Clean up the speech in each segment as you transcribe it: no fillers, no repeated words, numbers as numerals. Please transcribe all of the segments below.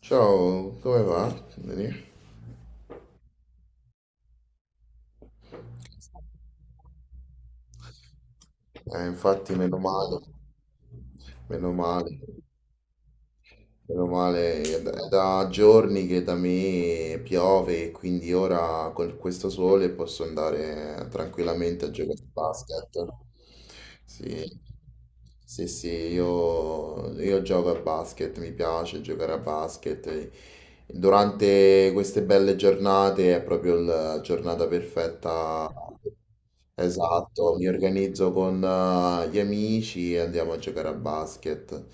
Ciao, come va? Bene? Infatti, meno male, meno male. Meno male, è da giorni che da me piove e quindi ora con questo sole posso andare tranquillamente a giocare a basket. Sì, sì, sì, io gioco a basket, mi piace giocare a basket. Durante queste belle giornate è proprio la giornata perfetta. Esatto, mi organizzo con gli amici e andiamo a giocare a basket.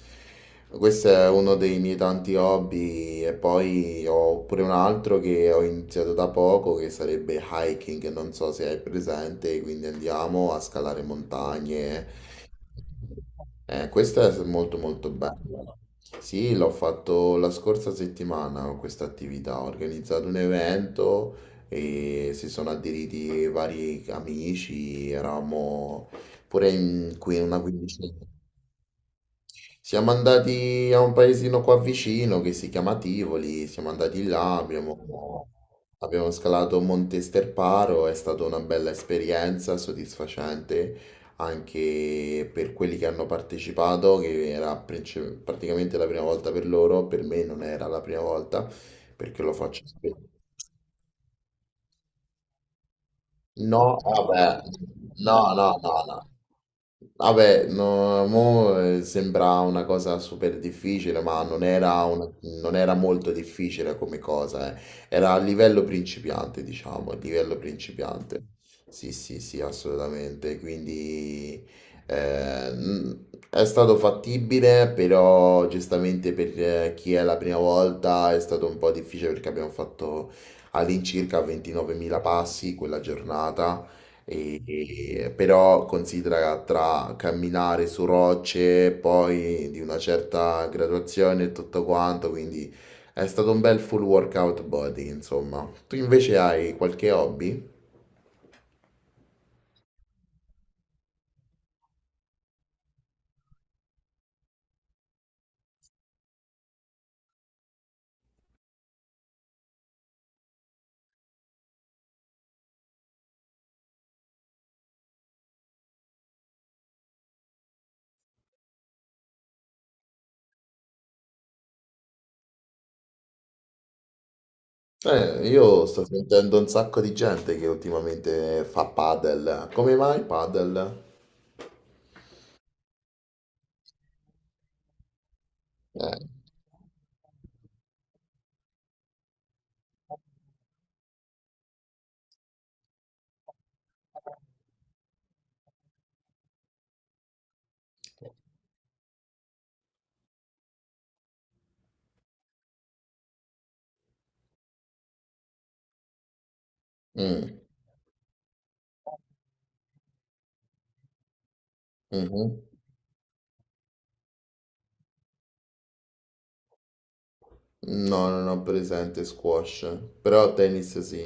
Questo è uno dei miei tanti hobby e poi ho pure un altro che ho iniziato da poco che sarebbe hiking, non so se hai presente, quindi andiamo a scalare montagne, questa è molto molto bella. Sì, l'ho fatto la scorsa settimana questa attività, ho organizzato un evento e si sono aderiti vari amici, eravamo pure in qui una quindicina. Siamo andati a un paesino qua vicino che si chiama Tivoli, siamo andati là, abbiamo, abbiamo scalato Monte Sterparo, è stata una bella esperienza, soddisfacente anche per quelli che hanno partecipato, che era praticamente la prima volta per loro, per me non era la prima volta perché lo faccio spesso. No, vabbè, no, no, no, no. Vabbè, no, mo sembra una cosa super difficile, ma non era molto difficile come cosa, eh. Era a livello principiante, diciamo, a livello principiante. Sì, sì, sì, assolutamente. Quindi è stato fattibile, però giustamente per chi è la prima volta è stato un po' difficile perché abbiamo fatto all'incirca 29.000 passi quella giornata, però considera tra camminare su rocce, poi di una certa graduazione e tutto quanto, quindi è stato un bel full workout body, insomma. Tu invece hai qualche hobby? Io sto sentendo un sacco di gente che ultimamente fa padel. Come mai padel? Eh, mm, mhm. No, non ho presente squash, però tennis sì.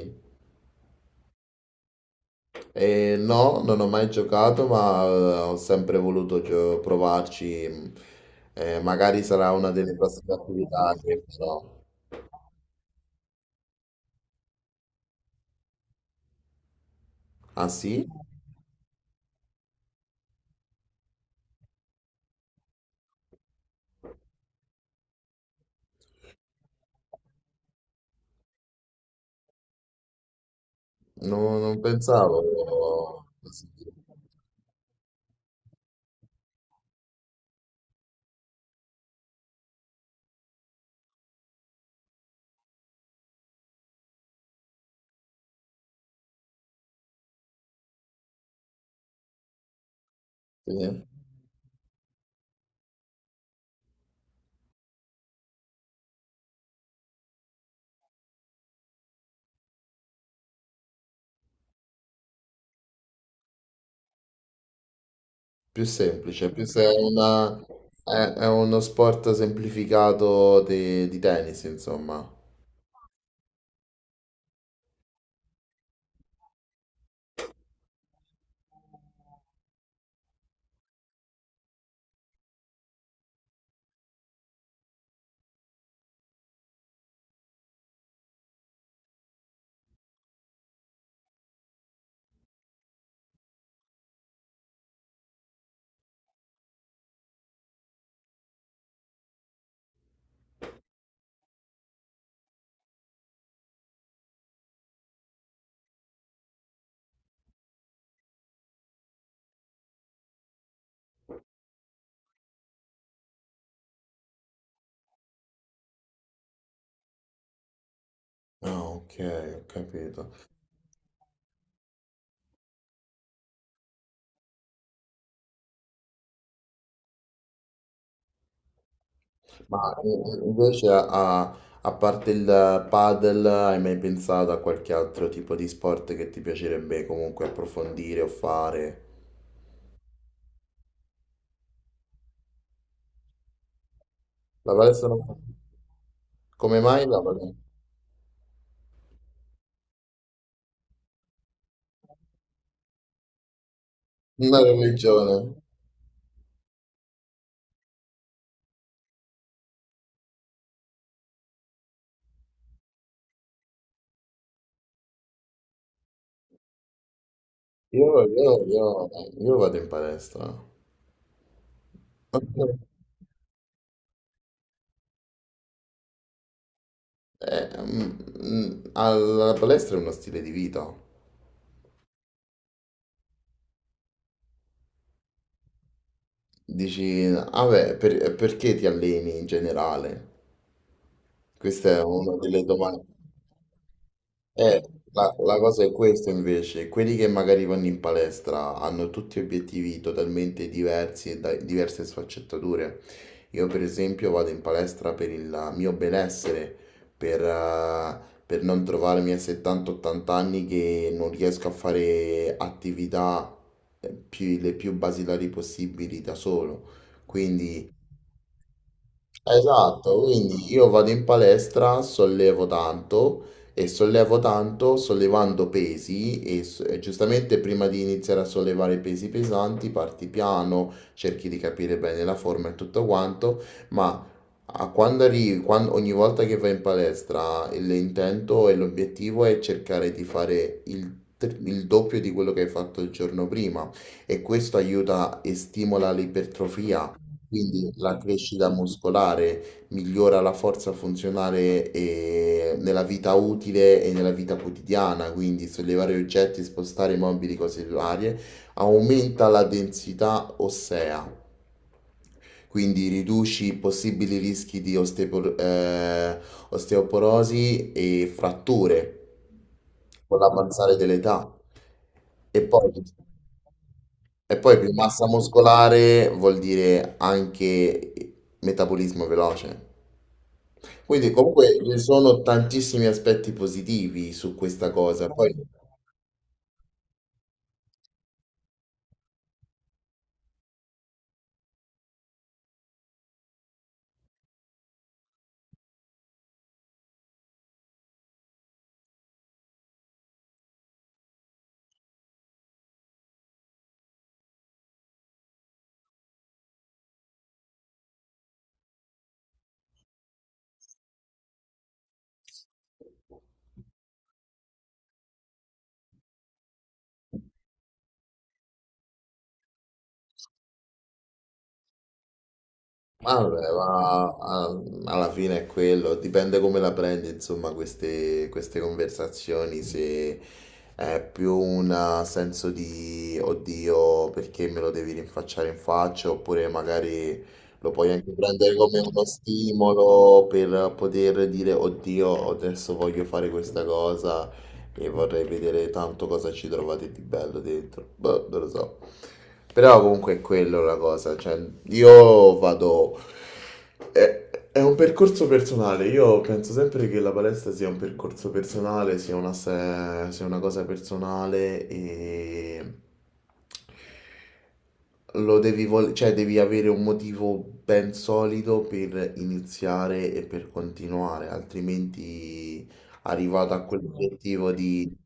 E no, non ho mai giocato, ma ho sempre voluto provarci. Magari sarà una delle prossime attività che farò. Ah sì? Non pensavo così. Sì. Più semplice, più se è, una- è uno sport semplificato di tennis, insomma. Ah, ok, ho capito. Ma eh, Invece a parte il padel, hai mai pensato a qualche altro tipo di sport che ti piacerebbe comunque approfondire o fare? La palestra non fa- Come mai la palestra? Una religione. Io, io- io- io vado in palestra. Eh, mm, Alla palestra è uno stile di vita. Dici, ah beh, perché ti alleni in generale? Questa è una delle domande. Eh, la, la cosa è questa invece, quelli che magari vanno in palestra hanno tutti obiettivi totalmente diversi e diverse sfaccettature. Io per esempio vado in palestra per il mio benessere, per, eh, per non trovarmi a 70-80 anni che non riesco a fare attività le più basilari possibili da solo. Quindi esatto, quindi io vado in palestra, sollevo tanto e sollevo tanto sollevando pesi e giustamente prima di iniziare a sollevare pesi pesanti parti piano, cerchi di capire bene la forma e tutto quanto, ma a quando arrivi, ogni volta che vai in palestra l'intento e l'obiettivo è cercare di fare il doppio di quello che hai fatto il giorno prima e questo aiuta e stimola l'ipertrofia, quindi la crescita muscolare migliora la forza funzionale nella vita utile e nella vita quotidiana, quindi sollevare oggetti, spostare mobili, cose varie, aumenta la densità ossea. Quindi riduci i possibili rischi di osteoporosi e fratture con l'avanzare dell'età. E poi, e poi più massa muscolare vuol dire anche metabolismo veloce. Quindi comunque ci sono tantissimi aspetti positivi su questa cosa. Poi, Ma vabbè, ma ah, alla fine è quello, dipende come la prendi, insomma, queste, queste conversazioni, se è più un senso di oddio perché me lo devi rinfacciare in faccia, oppure magari lo puoi anche prendere come uno stimolo per poter dire oddio, adesso voglio fare questa cosa e vorrei vedere tanto cosa ci trovate di bello dentro. Boh, non lo so. Però comunque è quello la cosa, cioè io vado... È, è un percorso personale, io penso sempre che la palestra sia un percorso personale, sia una, sia una cosa personale e lo devi cioè devi avere un motivo ben solido per iniziare e per continuare, altrimenti arrivato a quell'obiettivo di...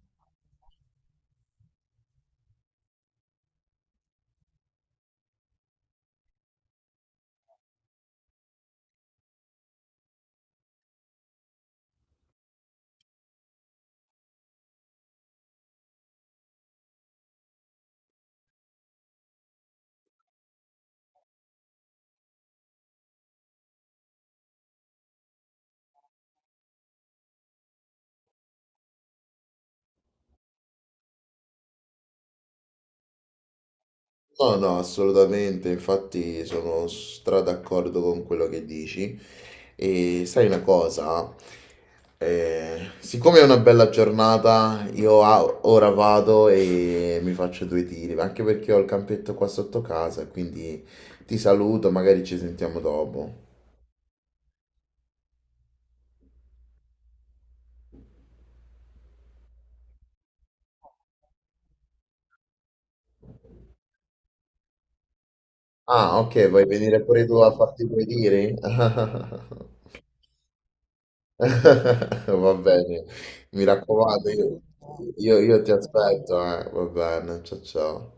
No, no, assolutamente, infatti sono stra d'accordo con quello che dici. E sai una cosa? Siccome è una bella giornata, io ora vado e mi faccio due tiri, ma anche perché ho il campetto qua sotto casa, quindi ti saluto, magari ci sentiamo dopo. Ah, ok, vuoi venire pure tu a farti due tiri? Va bene, mi raccomando, io ti aspetto, eh. Va bene, ciao ciao.